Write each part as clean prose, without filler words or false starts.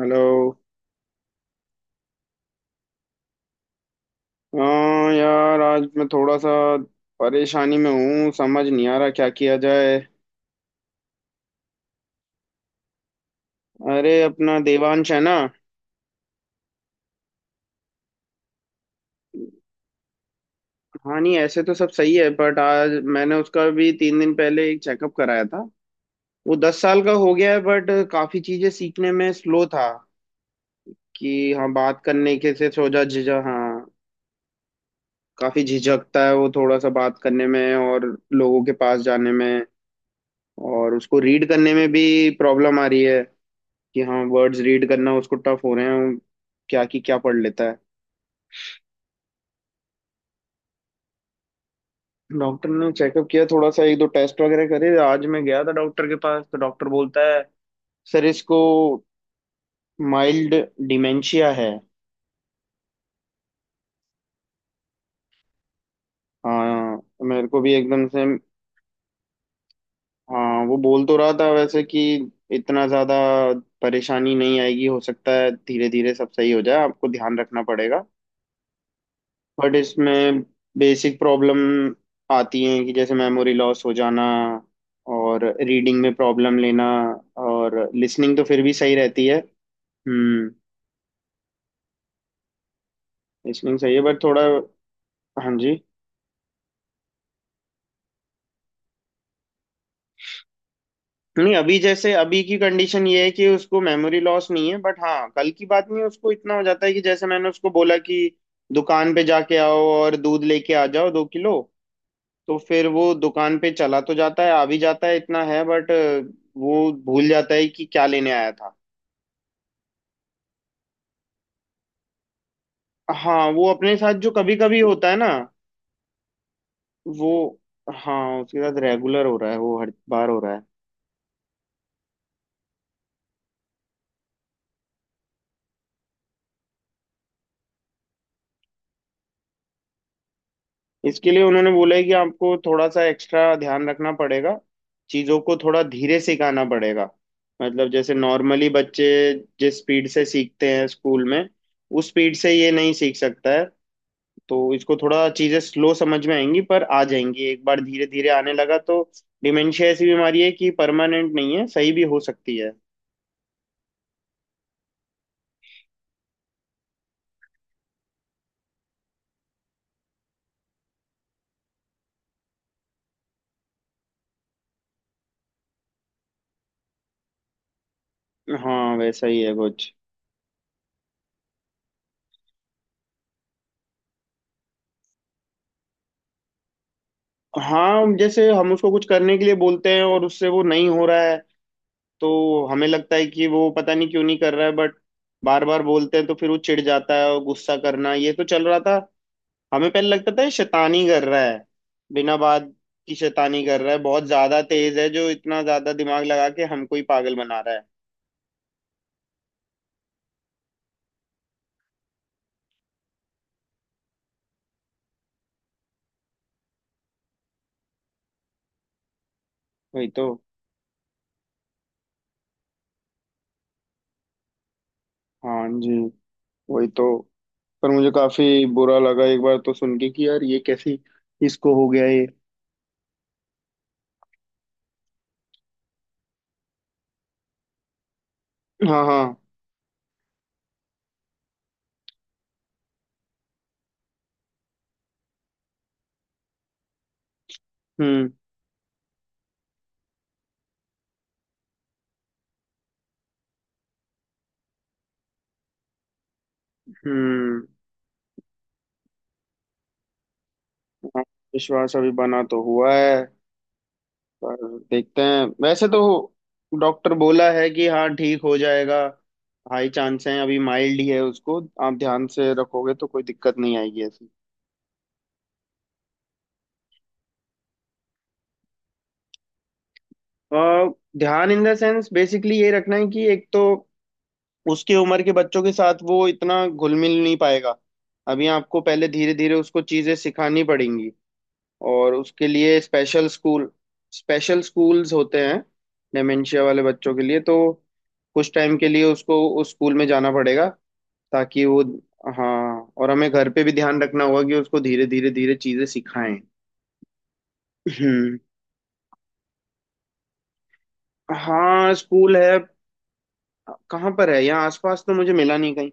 Hello. हाँ यार, आज मैं थोड़ा सा परेशानी में हूँ, समझ नहीं आ रहा क्या किया जाए। अरे अपना देवांश है ना। हाँ नहीं, ऐसे तो सब सही है बट आज मैंने उसका भी तीन दिन पहले एक चेकअप कराया था। वो दस साल का हो गया है बट काफी चीजें सीखने में स्लो था कि हाँ बात करने के से सोचा झिझक हाँ। काफी झिझकता है वो थोड़ा सा बात करने में और लोगों के पास जाने में, और उसको रीड करने में भी प्रॉब्लम आ रही है कि हाँ वर्ड्स रीड करना उसको टफ हो रहे हैं, क्या की क्या पढ़ लेता है। डॉक्टर ने चेकअप किया थोड़ा सा, एक दो टेस्ट वगैरह करे। आज मैं गया था डॉक्टर के पास तो डॉक्टर बोलता है सर इसको माइल्ड डिमेंशिया है। हाँ, मेरे को भी एकदम से। हाँ वो बोल तो रहा था वैसे कि इतना ज्यादा परेशानी नहीं आएगी, हो सकता है धीरे धीरे सब सही हो जाए, आपको ध्यान रखना पड़ेगा। बट इसमें बेसिक प्रॉब्लम आती हैं कि जैसे मेमोरी लॉस हो जाना और रीडिंग में प्रॉब्लम लेना, और लिसनिंग तो फिर भी सही रहती है। हम्म। लिसनिंग सही है बट थोड़ा। हाँ जी। नहीं अभी जैसे अभी की कंडीशन ये है कि उसको मेमोरी लॉस नहीं है बट हाँ कल की बात नहीं है, उसको इतना हो जाता है कि जैसे मैंने उसको बोला कि दुकान पे जाके आओ और दूध लेके आ जाओ दो किलो, तो फिर वो दुकान पे चला तो जाता है, आ भी जाता है, इतना है बट वो भूल जाता है कि क्या लेने आया था। हाँ वो अपने साथ जो कभी कभी होता है ना वो। हाँ उसके साथ रेगुलर हो रहा है, वो हर बार हो रहा है। इसके लिए उन्होंने बोला है कि आपको थोड़ा सा एक्स्ट्रा ध्यान रखना पड़ेगा, चीज़ों को थोड़ा धीरे सिखाना पड़ेगा। मतलब जैसे नॉर्मली बच्चे जिस स्पीड से सीखते हैं स्कूल में, उस स्पीड से ये नहीं सीख सकता है, तो इसको थोड़ा चीजें स्लो समझ में आएंगी पर आ जाएंगी, एक बार धीरे धीरे आने लगा तो। डिमेंशिया ऐसी बीमारी है कि परमानेंट नहीं है, सही भी हो सकती है। हाँ वैसा ही है कुछ। हाँ जैसे हम उसको कुछ करने के लिए बोलते हैं और उससे वो नहीं हो रहा है, तो हमें लगता है कि वो पता नहीं क्यों नहीं कर रहा है, बट बार बार बोलते हैं तो फिर वो चिढ़ जाता है, और गुस्सा करना ये तो चल रहा था। हमें पहले लगता था ये शैतानी कर रहा है, बिना बात की शैतानी कर रहा है, बहुत ज्यादा तेज है जो इतना ज्यादा दिमाग लगा के हमको ही पागल बना रहा है। वही तो। हाँ जी। वही तो। पर मुझे काफी बुरा लगा एक बार तो सुन के कि यार ये कैसी इसको हो गया ये। हाँ हाँ। हम्म हम्म। हाँ, विश्वास अभी बना तो हुआ है, पर देखते हैं वैसे तो। डॉक्टर बोला है कि हाँ ठीक हो जाएगा, हाई चांस है, अभी माइल्ड ही है उसको, आप ध्यान से रखोगे तो कोई दिक्कत नहीं आएगी ऐसी। अ, ध्यान इन द सेंस बेसिकली ये रखना है कि एक तो उसकी उम्र के बच्चों के साथ वो इतना घुल मिल नहीं पाएगा, अभी आपको पहले धीरे धीरे उसको चीजें सिखानी पड़ेंगी, और उसके लिए स्पेशल स्कूल। स्पेशल स्कूल्स होते हैं डेमेंशिया वाले बच्चों के लिए, तो कुछ टाइम के लिए उसको उस स्कूल में जाना पड़ेगा ताकि वो। हाँ, और हमें घर पे भी ध्यान रखना होगा कि उसको धीरे धीरे धीरे चीजें सिखाएं। हम्म। हाँ स्कूल है, कहाँ पर है? यहाँ आसपास तो मुझे मिला नहीं कहीं।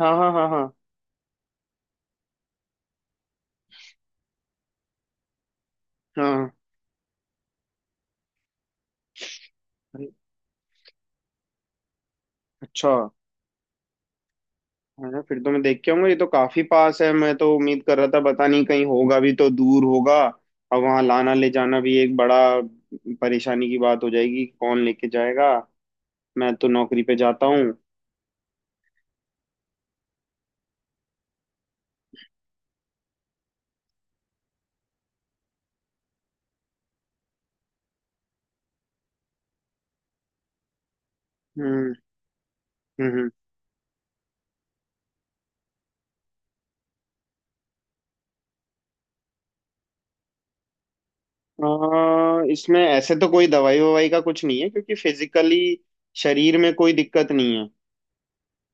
हाँ हाँ हाँ हाँ। हाँ। अरे, अच्छा अच्छा, फिर तो मैं देख के आऊंगा, ये तो काफी पास है, मैं तो उम्मीद कर रहा था पता नहीं कहीं होगा भी तो दूर होगा। और वहां लाना ले जाना भी एक बड़ा परेशानी की बात हो जाएगी, कौन लेके जाएगा, मैं तो नौकरी पे जाता हूँ। हम्म। हम्म। हम्म। इसमें ऐसे तो कोई दवाई ववाई का कुछ नहीं है, क्योंकि फिजिकली शरीर में कोई दिक्कत नहीं है।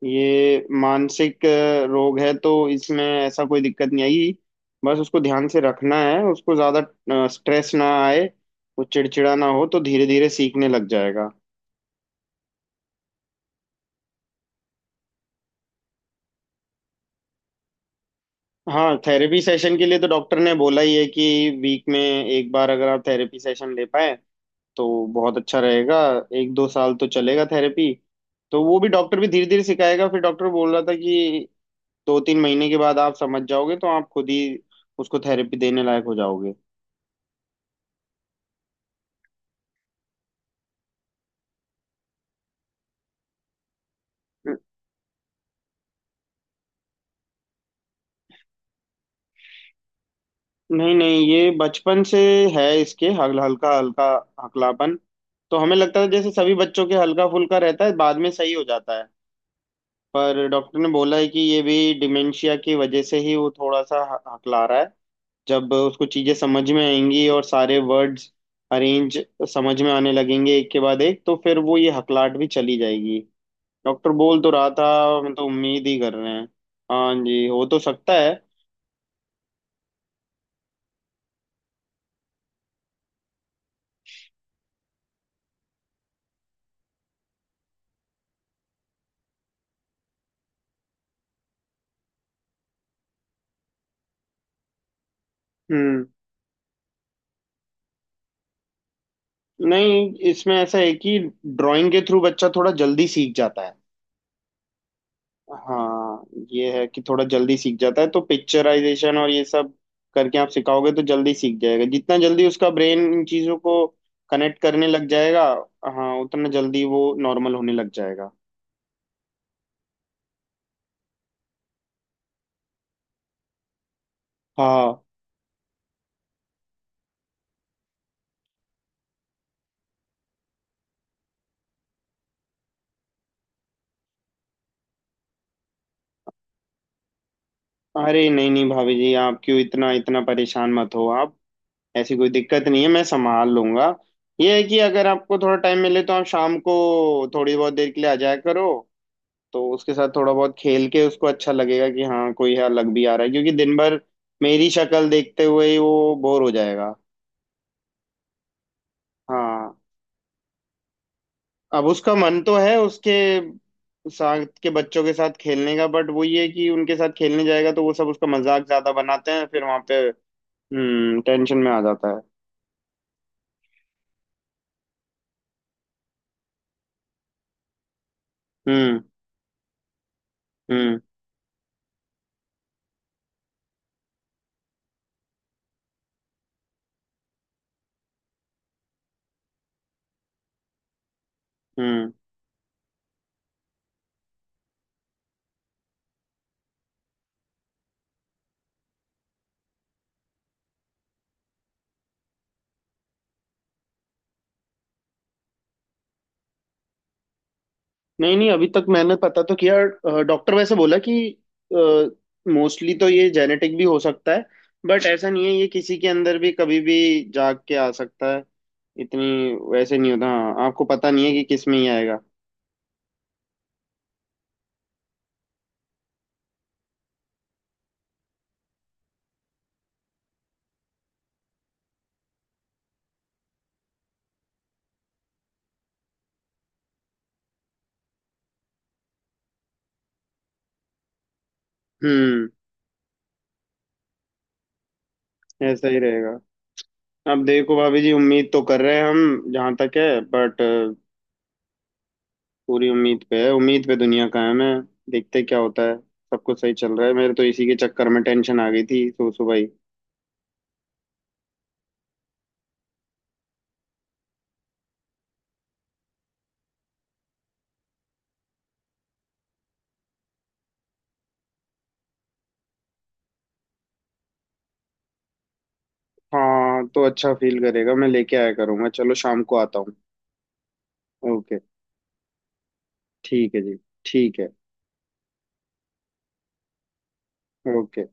ये मानसिक रोग है तो इसमें ऐसा कोई दिक्कत नहीं आएगी, बस उसको ध्यान से रखना है, उसको ज्यादा स्ट्रेस ना आए, वो चिड़चिड़ा ना हो, तो धीरे धीरे सीखने लग जाएगा। हाँ थेरेपी सेशन के लिए तो डॉक्टर ने बोला ही है कि वीक में एक बार अगर आप थेरेपी सेशन ले पाए तो बहुत अच्छा रहेगा। एक दो साल तो चलेगा थेरेपी, तो वो भी डॉक्टर भी धीरे धीरे सिखाएगा। फिर डॉक्टर बोल रहा था कि दो तीन महीने के बाद आप समझ जाओगे तो आप खुद ही उसको थेरेपी देने लायक हो जाओगे। नहीं नहीं, ये बचपन से है इसके हल्का हल्का हकलापन, तो हमें लगता था जैसे सभी बच्चों के हल्का फुल्का रहता है, बाद में सही हो जाता है। पर डॉक्टर ने बोला है कि ये भी डिमेंशिया की वजह से ही वो थोड़ा सा हकला रहा है। जब उसको चीजें समझ में आएंगी और सारे वर्ड्स अरेंज समझ में आने लगेंगे एक के बाद एक, तो फिर वो ये हकलाहट भी चली जाएगी, डॉक्टर बोल तो रहा था। हम तो उम्मीद ही कर रहे हैं, हाँ जी हो तो सकता है। हम्म। नहीं इसमें ऐसा है कि ड्राइंग के थ्रू बच्चा थोड़ा जल्दी सीख जाता है। हाँ ये है कि थोड़ा जल्दी सीख जाता है, तो पिक्चराइजेशन और ये सब करके आप सिखाओगे तो जल्दी सीख जाएगा, जितना जल्दी उसका ब्रेन इन चीजों को कनेक्ट करने लग जाएगा, हाँ उतना जल्दी वो नॉर्मल होने लग जाएगा। हाँ। अरे नहीं नहीं भाभी जी, आप क्यों इतना इतना परेशान मत हो आप, ऐसी कोई दिक्कत नहीं है, मैं संभाल लूंगा। ये है कि अगर आपको थोड़ा टाइम मिले तो आप शाम को थोड़ी बहुत देर के लिए आ जाया करो, तो उसके साथ थोड़ा बहुत खेल के उसको अच्छा लगेगा कि हाँ कोई है अलग भी आ रहा है, क्योंकि दिन भर मेरी शक्ल देखते हुए ही वो बोर हो जाएगा। हाँ, अब उसका मन तो है उसके साथ के बच्चों के साथ खेलने का, बट वो ये है कि उनके साथ खेलने जाएगा तो वो सब उसका मजाक ज्यादा बनाते हैं, फिर वहां पे टेंशन में आ जाता है। हम्म। हम्म। हम्म। नहीं नहीं अभी तक मैंने पता तो किया, डॉक्टर वैसे बोला कि मोस्टली तो ये जेनेटिक भी हो सकता है, बट ऐसा नहीं है, ये किसी के अंदर भी कभी भी जाग के आ सकता है, इतनी वैसे नहीं होता। हाँ आपको पता नहीं है कि किस में ही आएगा। हम्म। ऐसा ही रहेगा। अब देखो भाभी जी उम्मीद तो कर रहे हैं हम जहाँ तक है बट, पूरी उम्मीद पे है, उम्मीद पे दुनिया कायम है, देखते क्या होता है। सब कुछ सही चल रहा है, मेरे तो इसी के चक्कर में टेंशन आ गई थी सुबह सुबह ही। हाँ तो अच्छा फील करेगा, मैं लेके आया करूँगा, चलो शाम को आता हूँ। ओके। ठीक है जी, ठीक है। ओके।